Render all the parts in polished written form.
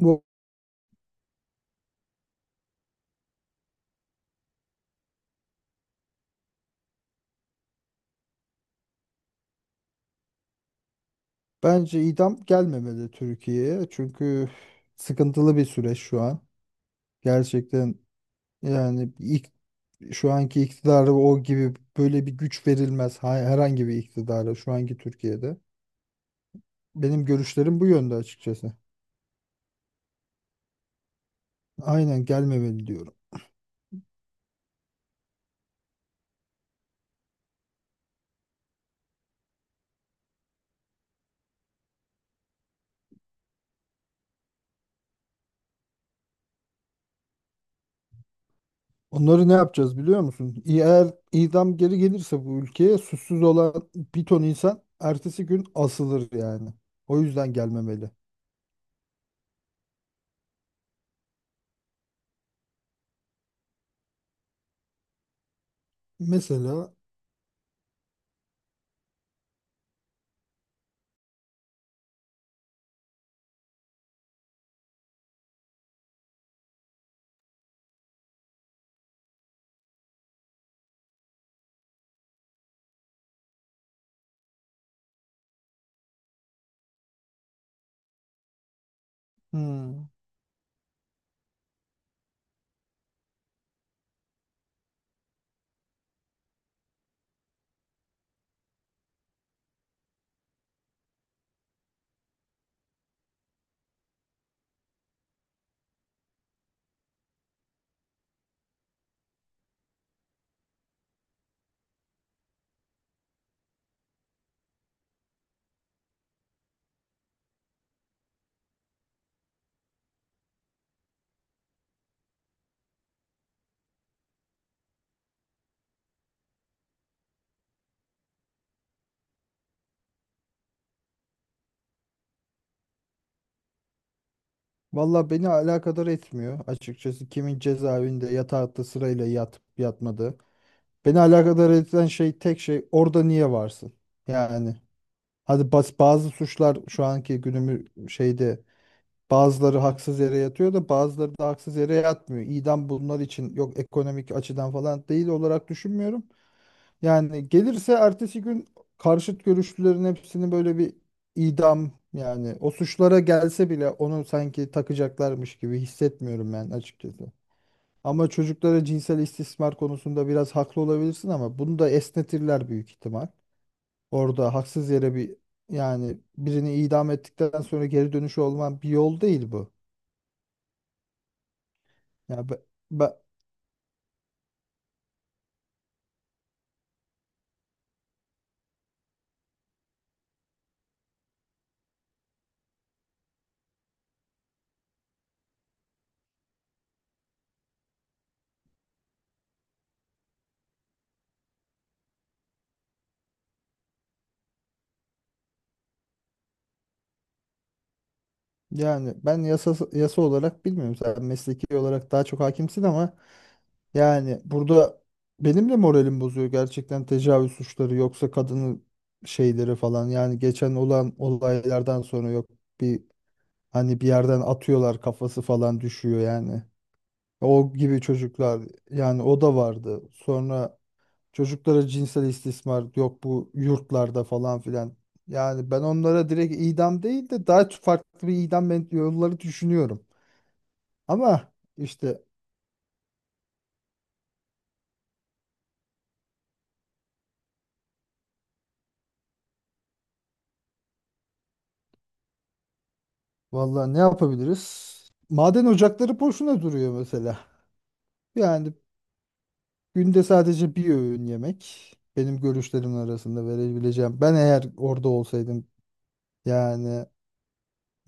Bu bence idam gelmemeli Türkiye'ye. Çünkü sıkıntılı bir süreç şu an. Gerçekten yani ilk, şu anki iktidara o gibi böyle bir güç verilmez. Herhangi bir iktidara şu anki Türkiye'de. Benim görüşlerim bu yönde açıkçası. Aynen gelmemeli diyorum. Onları ne yapacağız biliyor musun? Eğer idam geri gelirse bu ülkeye suçsuz olan bir ton insan ertesi gün asılır yani. O yüzden gelmemeli. Mesela hmm. Valla beni alakadar etmiyor açıkçası kimin cezaevinde yatakta sırayla yatıp yatmadığı. Beni alakadar eden şey tek şey orada niye varsın? Yani hadi bas, bazı suçlar şu anki günümü şeyde bazıları haksız yere yatıyor da bazıları da haksız yere yatmıyor. İdam bunlar için yok ekonomik açıdan falan değil olarak düşünmüyorum. Yani gelirse ertesi gün karşıt görüşlülerin hepsini böyle bir idam yani o suçlara gelse bile onu sanki takacaklarmış gibi hissetmiyorum ben açıkçası. Ama çocuklara cinsel istismar konusunda biraz haklı olabilirsin ama bunu da esnetirler büyük ihtimal. Orada haksız yere bir yani birini idam ettikten sonra geri dönüşü olman bir yol değil bu. Ya be- yani ben yasa olarak bilmiyorum. Sen mesleki olarak daha çok hakimsin ama yani burada benim de moralim bozuyor gerçekten tecavüz suçları yoksa kadının şeyleri falan. Yani geçen olan olaylardan sonra yok bir hani bir yerden atıyorlar kafası falan düşüyor yani. O gibi çocuklar yani o da vardı. Sonra çocuklara cinsel istismar yok bu yurtlarda falan filan. Yani ben onlara direkt idam değil de daha farklı bir idam yolları düşünüyorum. Ama işte vallahi ne yapabiliriz? Maden ocakları boşuna duruyor mesela. Yani günde sadece bir öğün yemek benim görüşlerim arasında verebileceğim. Ben eğer orada olsaydım yani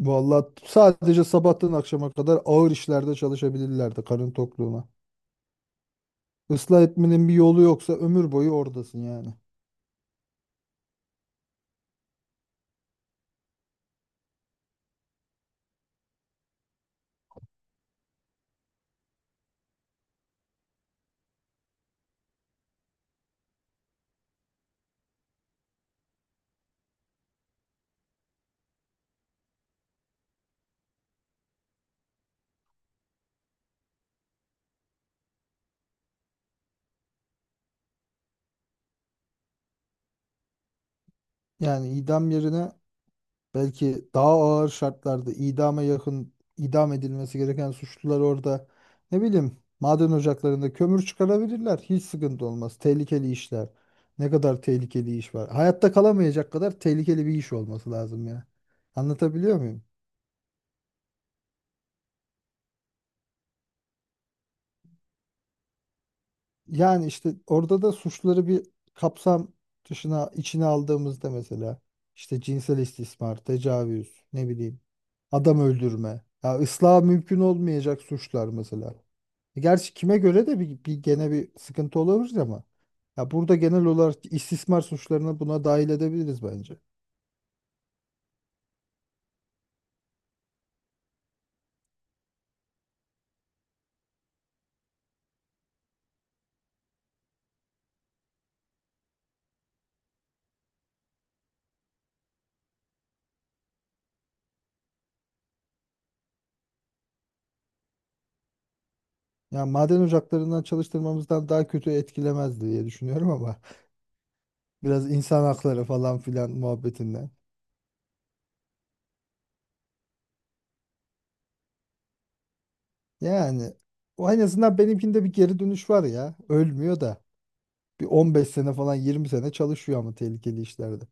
vallahi sadece sabahtan akşama kadar ağır işlerde çalışabilirlerdi karın tokluğuna. Islah etmenin bir yolu yoksa ömür boyu oradasın yani. Yani idam yerine belki daha ağır şartlarda idama yakın idam edilmesi gereken suçlular orada ne bileyim maden ocaklarında kömür çıkarabilirler. Hiç sıkıntı olmaz. Tehlikeli işler. Ne kadar tehlikeli iş var. Hayatta kalamayacak kadar tehlikeli bir iş olması lazım ya. Anlatabiliyor muyum? Yani işte orada da suçları bir kapsam dışına içine aldığımızda mesela işte cinsel istismar, tecavüz, ne bileyim adam öldürme, ya ıslah mümkün olmayacak suçlar mesela. E, Gerçi kime göre de bir gene bir sıkıntı olabilir ama. Ya burada genel olarak istismar suçlarını buna dahil edebiliriz bence. Ya maden ocaklarından çalıştırmamızdan daha kötü etkilemez diye düşünüyorum ama biraz insan hakları falan filan muhabbetinden. Yani o en azından benimkinde bir geri dönüş var ya. Ölmüyor da. Bir 15 sene falan 20 sene çalışıyor ama tehlikeli işlerde.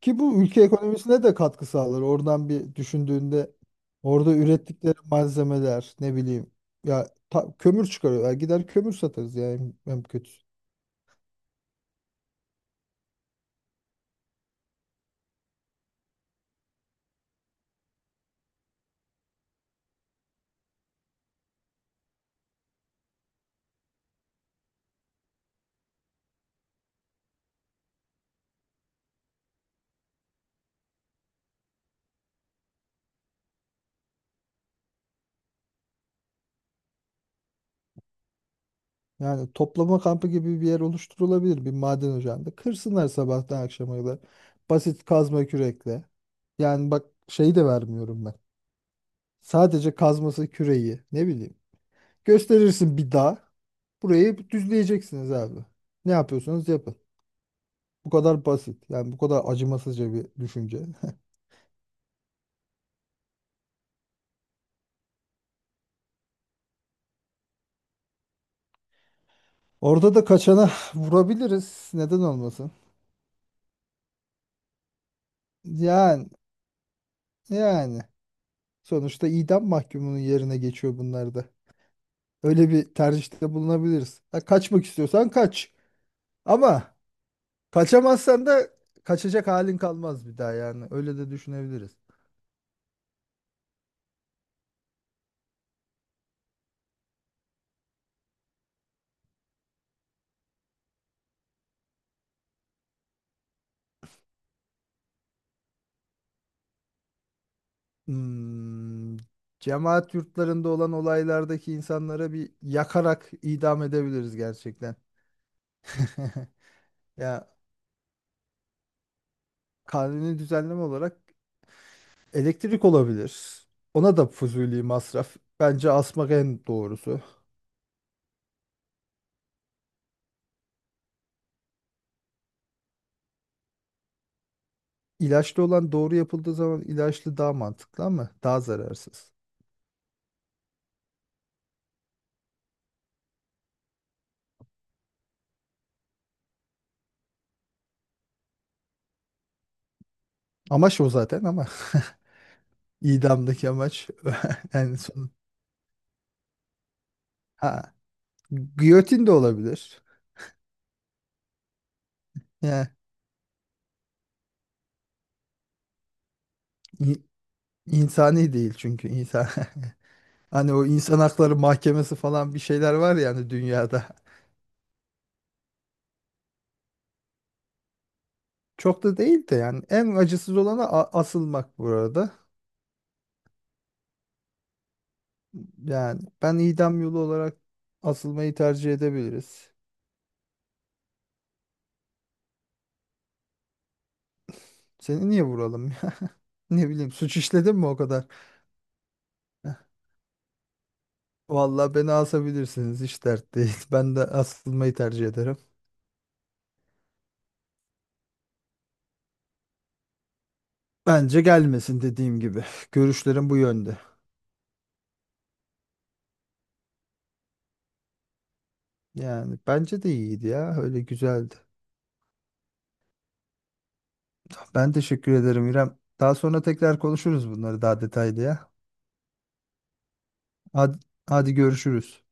Ki bu ülke ekonomisine de katkı sağlar. Oradan bir düşündüğünde orada ürettikleri malzemeler ne bileyim ya kömür çıkarıyor. Ya gider kömür satarız yani en kötüsü. Yani toplama kampı gibi bir yer oluşturulabilir bir maden ocağında. Kırsınlar sabahtan akşama kadar. Basit kazma kürekle. Yani bak şeyi de vermiyorum ben. Sadece kazması küreği ne bileyim. Gösterirsin bir dağ. Burayı düzleyeceksiniz abi. Ne yapıyorsanız yapın. Bu kadar basit. Yani bu kadar acımasızca bir düşünce. Orada da kaçana vurabiliriz. Neden olmasın? Yani yani sonuçta idam mahkumunun yerine geçiyor bunlar da. Öyle bir tercihte bulunabiliriz. Ha, kaçmak istiyorsan kaç. Ama kaçamazsan da kaçacak halin kalmaz bir daha yani. Öyle de düşünebiliriz. Hmm, cemaat yurtlarında olan olaylardaki insanlara bir yakarak idam edebiliriz gerçekten. Ya kanuni düzenleme olarak elektrik olabilir. Ona da fuzuli masraf. Bence asmak en doğrusu. İlaçlı olan doğru yapıldığı zaman ilaçlı daha mantıklı ama daha zararsız. Amaç o zaten ama idamdaki amaç yani son. Ha, giyotin de olabilir. Yani in- insani değil çünkü insan. Hani o insan hakları mahkemesi falan bir şeyler var yani dünyada. Çok da değil de yani en acısız olanı asılmak bu arada. Yani ben idam yolu olarak asılmayı tercih edebiliriz. Seni niye vuralım ya? Ne bileyim suç işledim mi o kadar? Vallahi beni asabilirsiniz hiç dert değil. Ben de asılmayı tercih ederim. Bence gelmesin dediğim gibi. Görüşlerim bu yönde. Yani bence de iyiydi ya. Öyle güzeldi. Ben teşekkür ederim İrem. Daha sonra tekrar konuşuruz bunları daha detaylı ya. Hadi, hadi görüşürüz.